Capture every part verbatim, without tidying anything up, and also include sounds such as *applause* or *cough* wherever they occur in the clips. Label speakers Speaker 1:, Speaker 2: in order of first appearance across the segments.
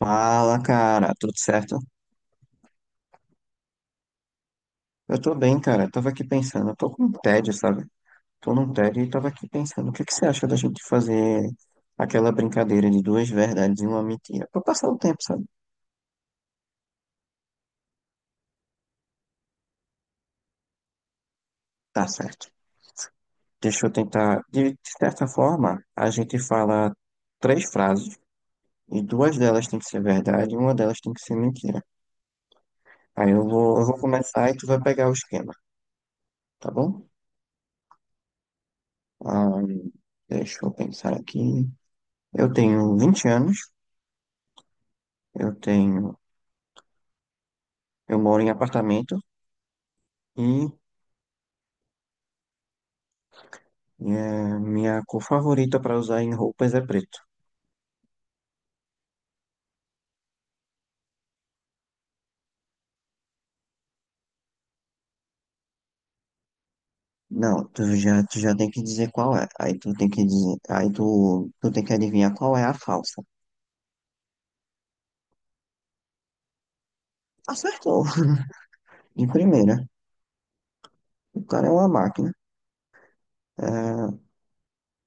Speaker 1: Fala, cara, tudo certo? Eu tô bem, cara. Eu tava aqui pensando, eu tô com um tédio, sabe? Tô num tédio e tava aqui pensando, o que que você acha da gente fazer aquela brincadeira de duas verdades e uma mentira? Pra passar o tempo, sabe? Tá certo. Deixa eu tentar. De, de certa forma, a gente fala três frases e duas delas tem que ser verdade e uma delas tem que ser mentira. Aí eu vou, eu vou começar e tu vai pegar o esquema, tá bom? Ah, deixa eu pensar aqui. Eu tenho vinte anos, eu tenho eu moro em apartamento e é, minha cor favorita para usar em roupas é preto. Não, tu já, tu já tem que dizer qual é. Aí tu tem que dizer, aí tu, tu tem que adivinhar qual é a falsa. Acertou. *laughs* Em primeira, o cara é uma máquina. É,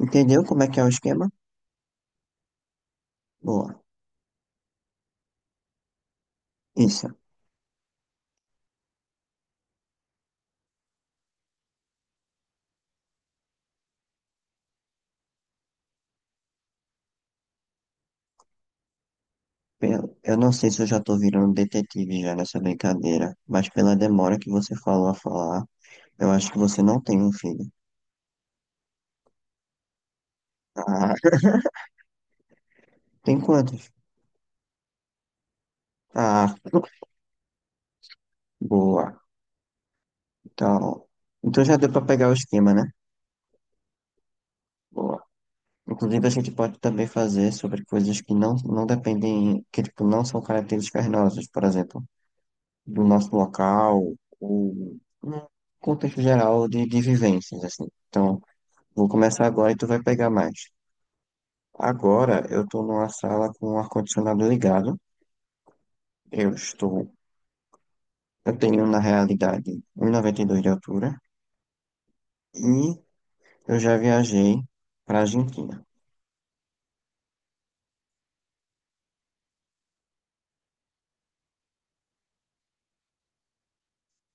Speaker 1: entendeu como é que é o esquema? Boa. Isso. Pelo- Eu não sei se eu já tô virando detetive já nessa brincadeira, mas pela demora que você falou a falar, eu acho que você não tem um filho. Ah, *laughs* tem quantos? Ah, *laughs* boa. Então, então já deu para pegar o esquema, né? Boa. Inclusive, a gente pode também fazer sobre coisas que não, não dependem, que tipo, não são características nossas, por exemplo, do nosso local, ou no contexto geral de, de vivências, assim. Então, vou começar agora e tu vai pegar mais. Agora, eu estou numa sala com o ar-condicionado ligado. Eu estou, eu tenho, na realidade, um vírgula noventa e dois de altura e eu já viajei para a Argentina.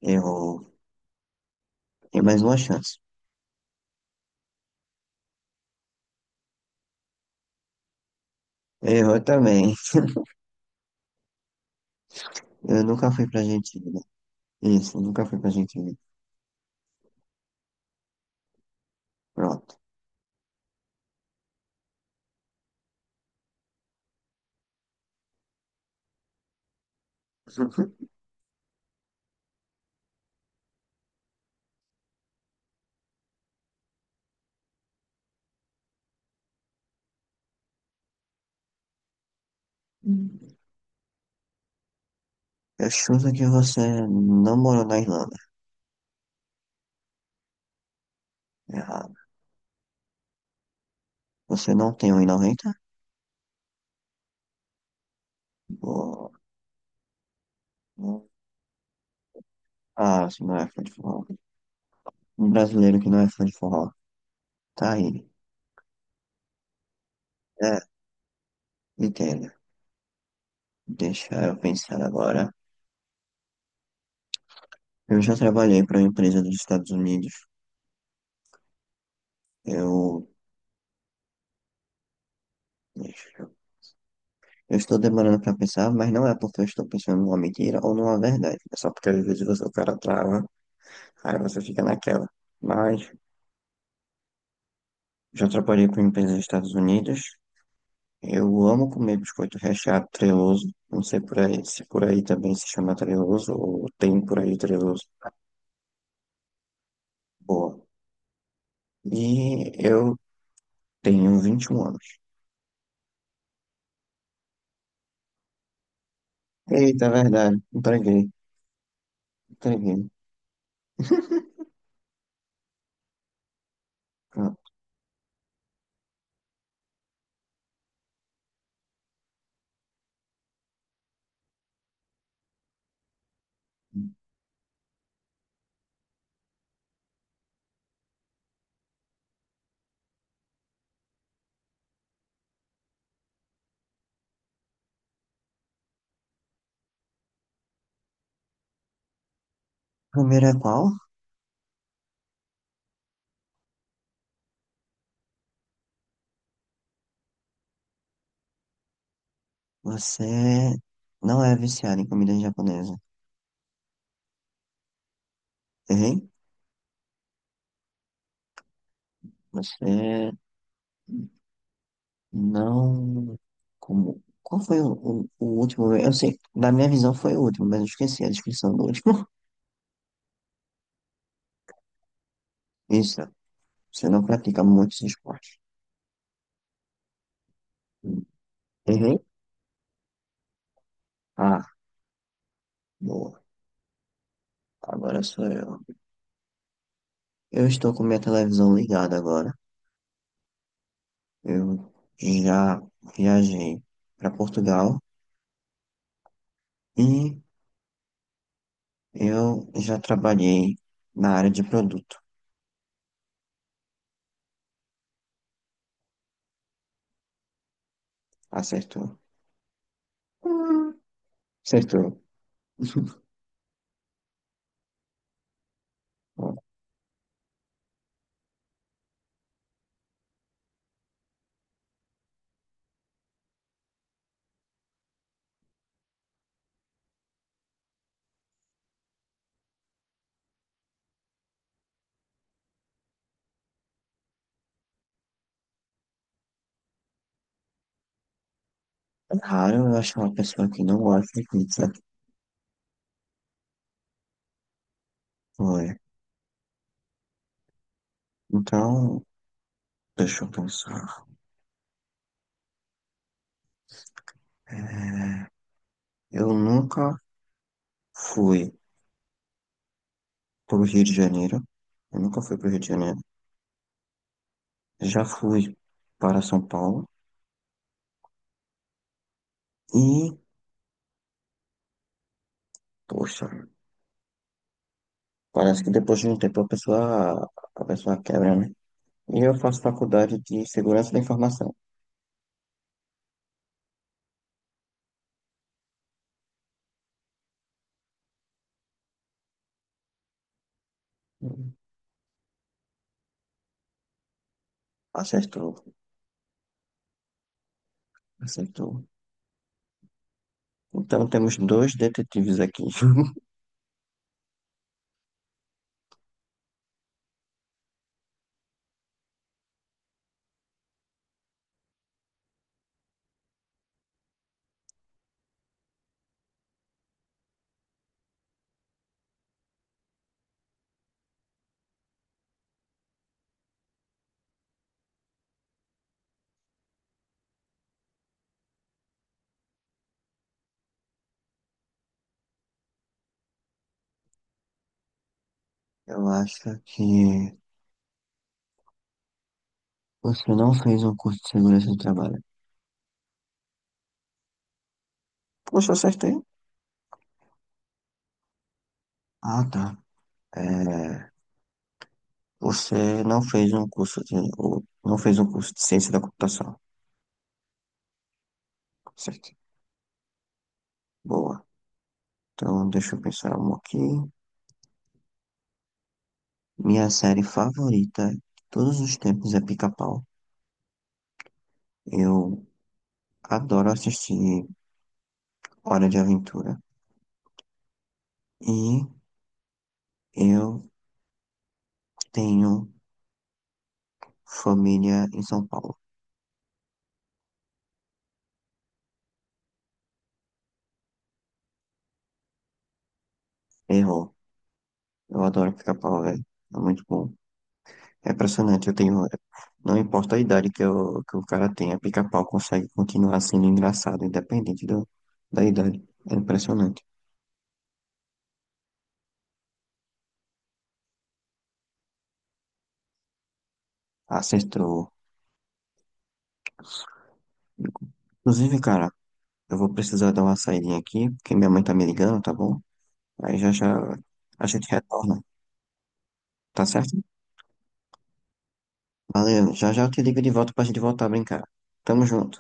Speaker 1: Eu tenho mais uma chance. Eu também. Eu nunca fui pra Argentina. Isso, eu nunca fui pra Argentina. Pronto. *laughs* Eu chuto que você não morou na Irlanda. Errado. Você não tem um vírgula noventa? Ou- ou- Ah, você não é fã de forró. Um brasileiro que não é fã de forró. Tá aí. É, entendo. Deixa eu pensar agora. Eu já trabalhei para uma empresa dos Estados Unidos. Eu. Deixa eu... Eu estou demorando para pensar, mas não é porque eu estou pensando numa mentira ou numa verdade. É só porque às vezes você- o cara trava. Aí você fica naquela. Mas já trabalhei com empresas nos Estados Unidos. Eu amo comer biscoito recheado treloso. Não sei por aí, se por aí também se chama treloso ou tem por aí treloso. Boa. E eu tenho vinte e um anos. Eita, verdade. Entreguei. Entreguei. *laughs* Pronto. Primeiro é qual? Você não é viciado em comida japonesa. Errei? Você não. Como... Qual foi o, o, o último? Eu sei, da minha visão foi o último, mas eu esqueci a descrição do último. *laughs* Isso, você não pratica muitos esportes. Errei? Ah, boa. Agora sou eu. Eu estou com minha televisão ligada agora. Eu já viajei para Portugal e eu já trabalhei na área de produto. Acertou. Hum. Acertou. Bom, é raro eu achar uma pessoa que não gosta de pizza. Foi. Então, deixa eu pensar. É, eu nunca fui pro Rio de Janeiro. Eu nunca fui pro Rio de Janeiro. Já fui para São Paulo. E, poxa, parece que depois de um tempo a pessoa, a pessoa quebra, né? E eu faço faculdade de segurança da informação. Acertou, acertou. Então temos dois detetives aqui. *laughs* Eu acho que você não fez um curso de segurança do trabalho. Poxa, acertei. Ah, tá. É, você não fez um curso de, ou não fez um curso de ciência da computação, certo? Boa. Então, deixa eu pensar um aqui. Minha série favorita de todos os tempos é Pica-Pau. Eu adoro assistir Hora de Aventura. E eu tenho família em São Paulo. Errou. Eu adoro Pica-Pau, velho. É muito bom. É impressionante, eu tenho. Não importa a idade que, o que o cara tenha, pica-pau consegue continuar sendo engraçado, independente do, da idade. É impressionante. Acertou. Inclusive, cara, eu vou precisar dar uma saidinha aqui, porque minha mãe tá me ligando, tá bom? Aí já já a gente retorna, tá certo? Valeu, já já eu te ligo de volta pra gente voltar a brincar. Tamo junto.